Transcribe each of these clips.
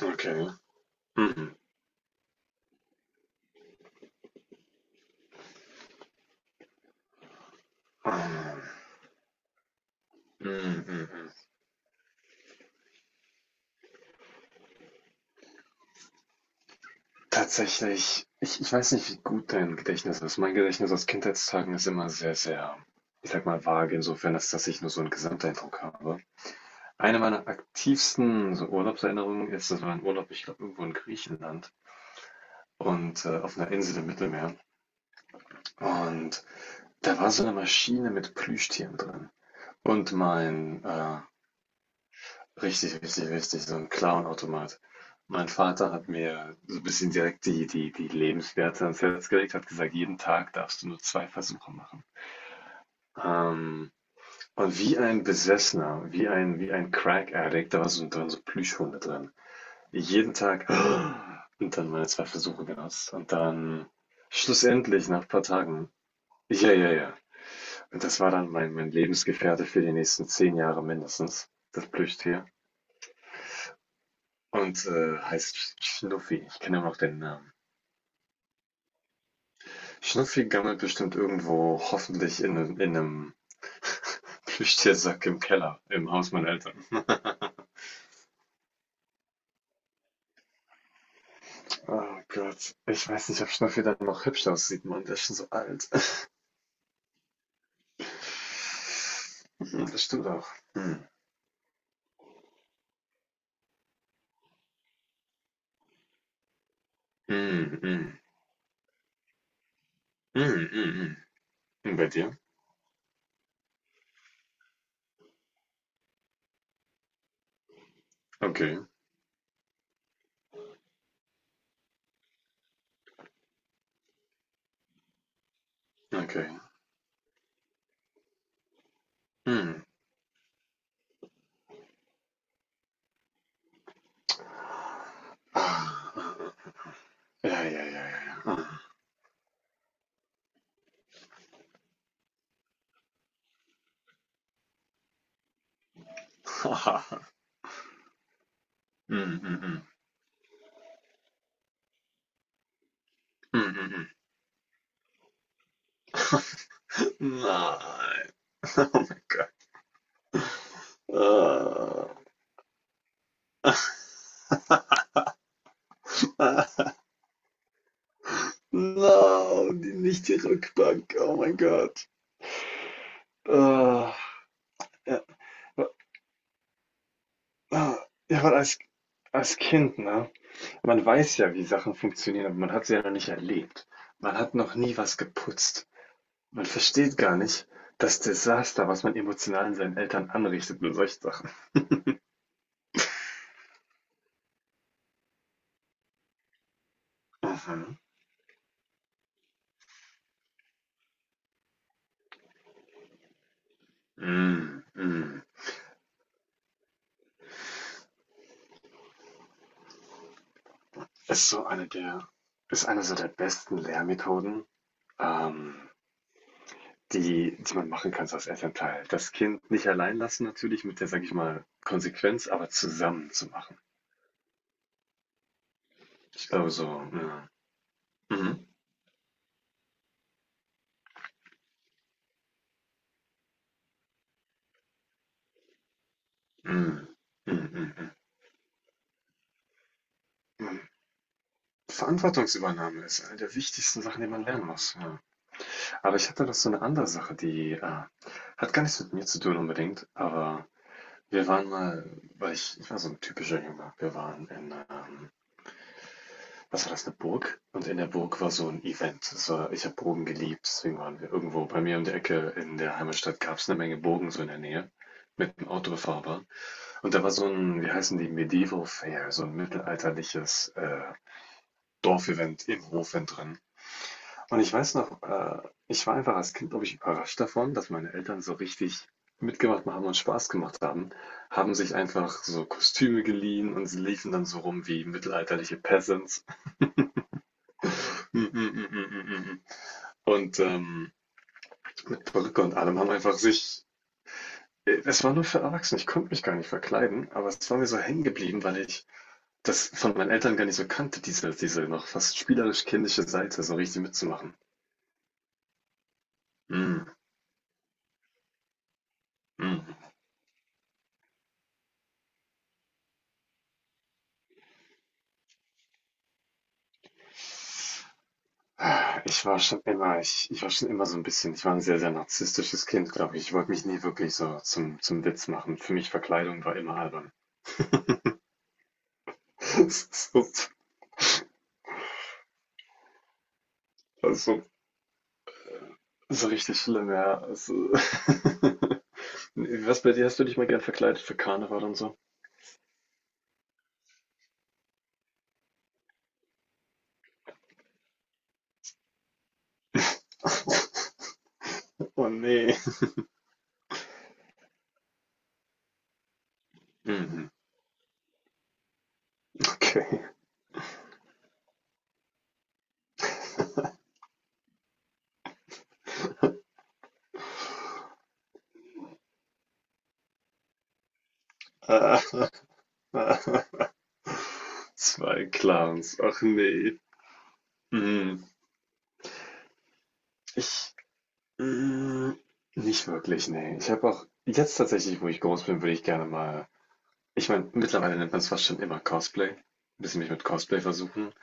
Okay. Mhm. Ah. Mhm. Mhm. Tatsächlich, ich weiß nicht, wie gut dein Gedächtnis ist. Mein Gedächtnis aus Kindheitstagen ist immer sehr, sehr, ich sag mal, vage, insofern, als dass ich nur so einen Gesamteindruck habe. Eine meiner aktivsten so Urlaubserinnerungen ist, das war ein Urlaub, ich glaube, irgendwo in Griechenland und auf einer Insel im Mittelmeer. Und da war so eine Maschine mit Plüschtieren drin. Und mein richtig, richtig, richtig, so 'n Clownautomat. Mein Vater hat mir so ein bisschen direkt die Lebenswerte ans Herz gelegt, hat gesagt: „Jeden Tag darfst du nur 2 Versuche machen.“ Ähm, und wie ein Besessener, wie ein Crack Addict, da war so dann so Plüschhunde drin. Jeden Tag und dann meine 2 Versuche genutzt und dann schlussendlich nach ein paar Tagen ja, ja, ja. Und das war dann mein Lebensgefährte für die nächsten 10 Jahre mindestens, das Plüschtier. Und heißt Schnuffi. Ich kenne immer noch den Namen. Schnuffi gammelt bestimmt irgendwo, hoffentlich in einem Plüschtiersack im Keller, im Haus meiner Eltern. Oh Gott. Ich weiß nicht, ob Schnuffi dann noch hübsch aussieht, Mann. Der ist schon so alt. Hm, das stimmt auch. Hm. Hm, hm. Hm, hm, hm. Und bei dir? Okay, okay. Hm. Ah, ah, ah. Ja, ja, ja, ja, ja. Ah. Hm, hm, hm. Hm, hm, hm. Nein. Oh mein Gott. Ah, ah, no, die, nicht die Rückbank. Oh mein Gott. Ah, ja, ah, ja, weil als Kind, ne? Man weiß ja, wie Sachen funktionieren, aber man hat sie ja noch nicht erlebt. Man hat noch nie was geputzt. Man versteht gar nicht das Desaster, was man emotional in seinen Eltern anrichtet mit solchen Sachen. Mhm. Mm, mm. Ist so eine der, ist eine so der besten Lehrmethoden. Ähm, Die die man machen kann so als Elternteil. Das Kind nicht allein lassen natürlich mit der, sage ich mal, Konsequenz, aber zusammen zu machen. Ich glaube so, ja. Mhm. Mhm. Mhm, mhm, mhm. Verantwortungsübernahme ist eine der wichtigsten Sachen, die man lernen muss, ja. Aber ich hatte noch so eine andere Sache, die, hat gar nichts mit mir zu tun unbedingt, aber wir waren mal weil ich war so ein typischer Junge. Wir waren in, was war das, eine Burg? Und in der Burg war so ein Event. Das war, ich habe Burgen geliebt, deswegen waren wir irgendwo bei mir um die Ecke in der Heimatstadt gab es eine Menge Burgen so in der Nähe, mit dem Auto befahrbar. Und da war so ein, wie heißen die, Medieval Fair, so ein mittelalterliches Dorfevent im Hof drin. Und ich weiß noch, ich war einfach als Kind, glaube ich, überrascht davon, dass meine Eltern so richtig mitgemacht haben und Spaß gemacht haben, haben sich einfach so Kostüme geliehen und sie liefen dann so rum wie mittelalterliche Peasants. Mm, mm, mm, mm, mm, mm. Und mit Perücke und allem haben einfach sich. Es war nur für Erwachsene, ich konnte mich gar nicht verkleiden, aber es war mir so hängen geblieben, weil ich das von meinen Eltern gar nicht so kannte, diese, diese noch fast spielerisch kindliche Seite, so richtig mitzumachen. Mm, mm. Ah, ich war schon immer, ich war schon immer so ein bisschen, ich war ein sehr, sehr narzisstisches Kind, glaube ich. Ich wollte mich nie wirklich so zum, zum Witz machen. Für mich Verkleidung war immer albern. So, so, so richtig schlimm, ja. Also, was bei dir? Hast du dich mal gern verkleidet für Karneval und so? Oh nee. Mhm. Okay. Ah, ah, zwei Clans. Ach nee. Mhm. Ich. Mhm. Nicht wirklich, nee. Ich habe auch jetzt tatsächlich, wo ich groß bin, würde ich gerne mal. Ich meine, mittlerweile nennt man es fast schon immer Cosplay. Ein bisschen mich mit Cosplay versuchen.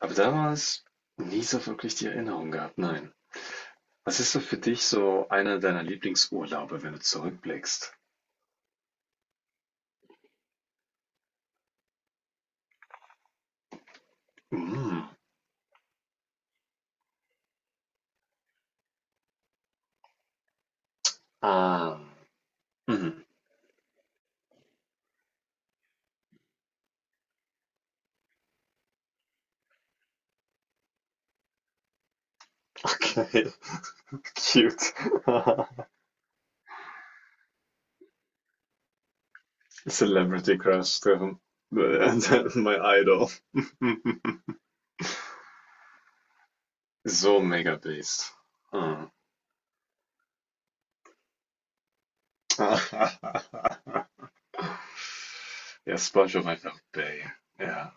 Aber damals nie so wirklich die Erinnerung gehabt, nein. Was ist so für dich so einer deiner Lieblingsurlaube, wenn du zurückblickst? Mhm. Ähm, mhm. Okay, cute. Celebrity Crush treffen. My idol. so mega based. Hm. ja, SpongeBob einfach Bay. Ja.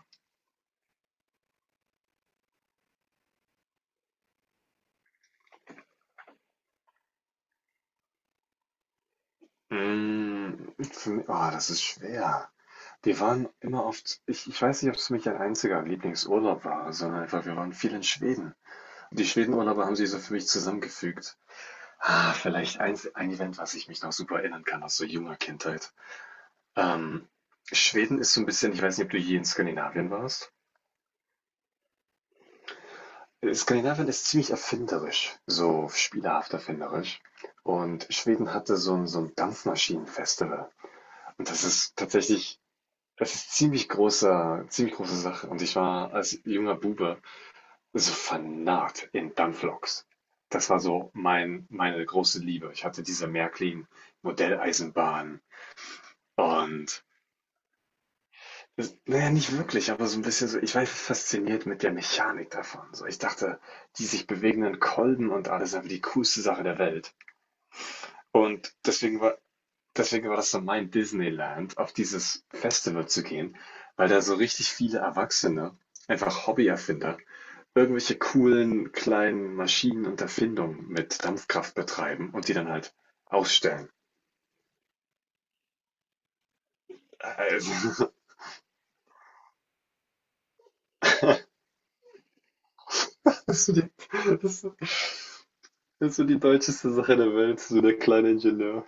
Mm, oh, das ist schwer. Wir waren immer oft, ich weiß nicht, ob es für mich ein einziger Lieblingsurlaub war, sondern einfach, wir waren viel in Schweden. Die Schwedenurlaube haben sie so für mich zusammengefügt. Ah, vielleicht ein Event, was ich mich noch super erinnern kann aus so junger Kindheit. Ähm, Schweden ist so ein bisschen ich weiß nicht, ob du je in Skandinavien warst? Skandinavien ist ziemlich erfinderisch, so spielerhaft erfinderisch. Und Schweden hatte so ein Dampfmaschinenfestival. Und das ist tatsächlich das ist ziemlich große Sache. Und ich war als junger Bube so vernarrt in Dampfloks. Das war so meine große Liebe. Ich hatte diese Märklin-Modelleisenbahn und das, naja, nicht wirklich, aber so ein bisschen so, ich war fasziniert mit der Mechanik davon. So, ich dachte, die sich bewegenden Kolben und alles sind die coolste Sache der Welt. Und deswegen war das so mein Disneyland, auf dieses Festival zu gehen, weil da so richtig viele Erwachsene, einfach Hobbyerfinder, irgendwelche coolen kleinen Maschinen und Erfindungen mit Dampfkraft betreiben und die dann halt ausstellen. Also, das ist so die, das ist so das ist so die deutscheste Sache der Welt, so der kleine Ingenieur.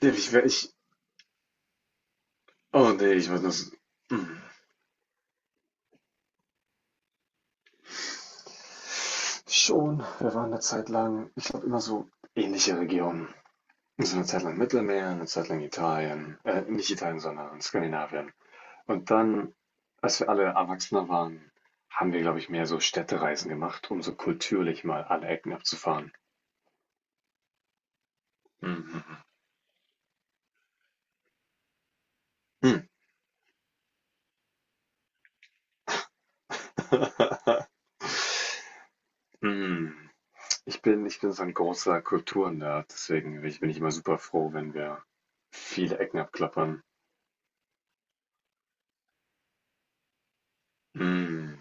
Nee, ich, oh nee, ich weiß das. Hm. Schon, wir waren eine Zeit lang, ich glaube immer so ähnliche Regionen. So eine Zeit lang Mittelmeer, eine Zeit lang Italien, nicht Italien, sondern Skandinavien. Und dann, als wir alle Erwachsener waren, haben wir, glaube ich, mehr so Städtereisen gemacht, um so kulturlich mal alle Ecken abzufahren. Mhm. Hm. Hm. Ich bin so ein großer Kulturnerd, deswegen bin ich immer super froh, wenn wir viele Ecken abklappern. Hm.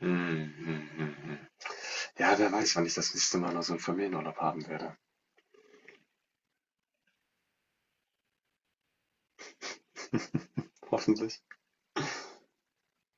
Mhm, mhm, mhm. Ja, wer weiß, wann ich das nächste Mal noch so einen Familienurlaub haben werde. Hoffentlich.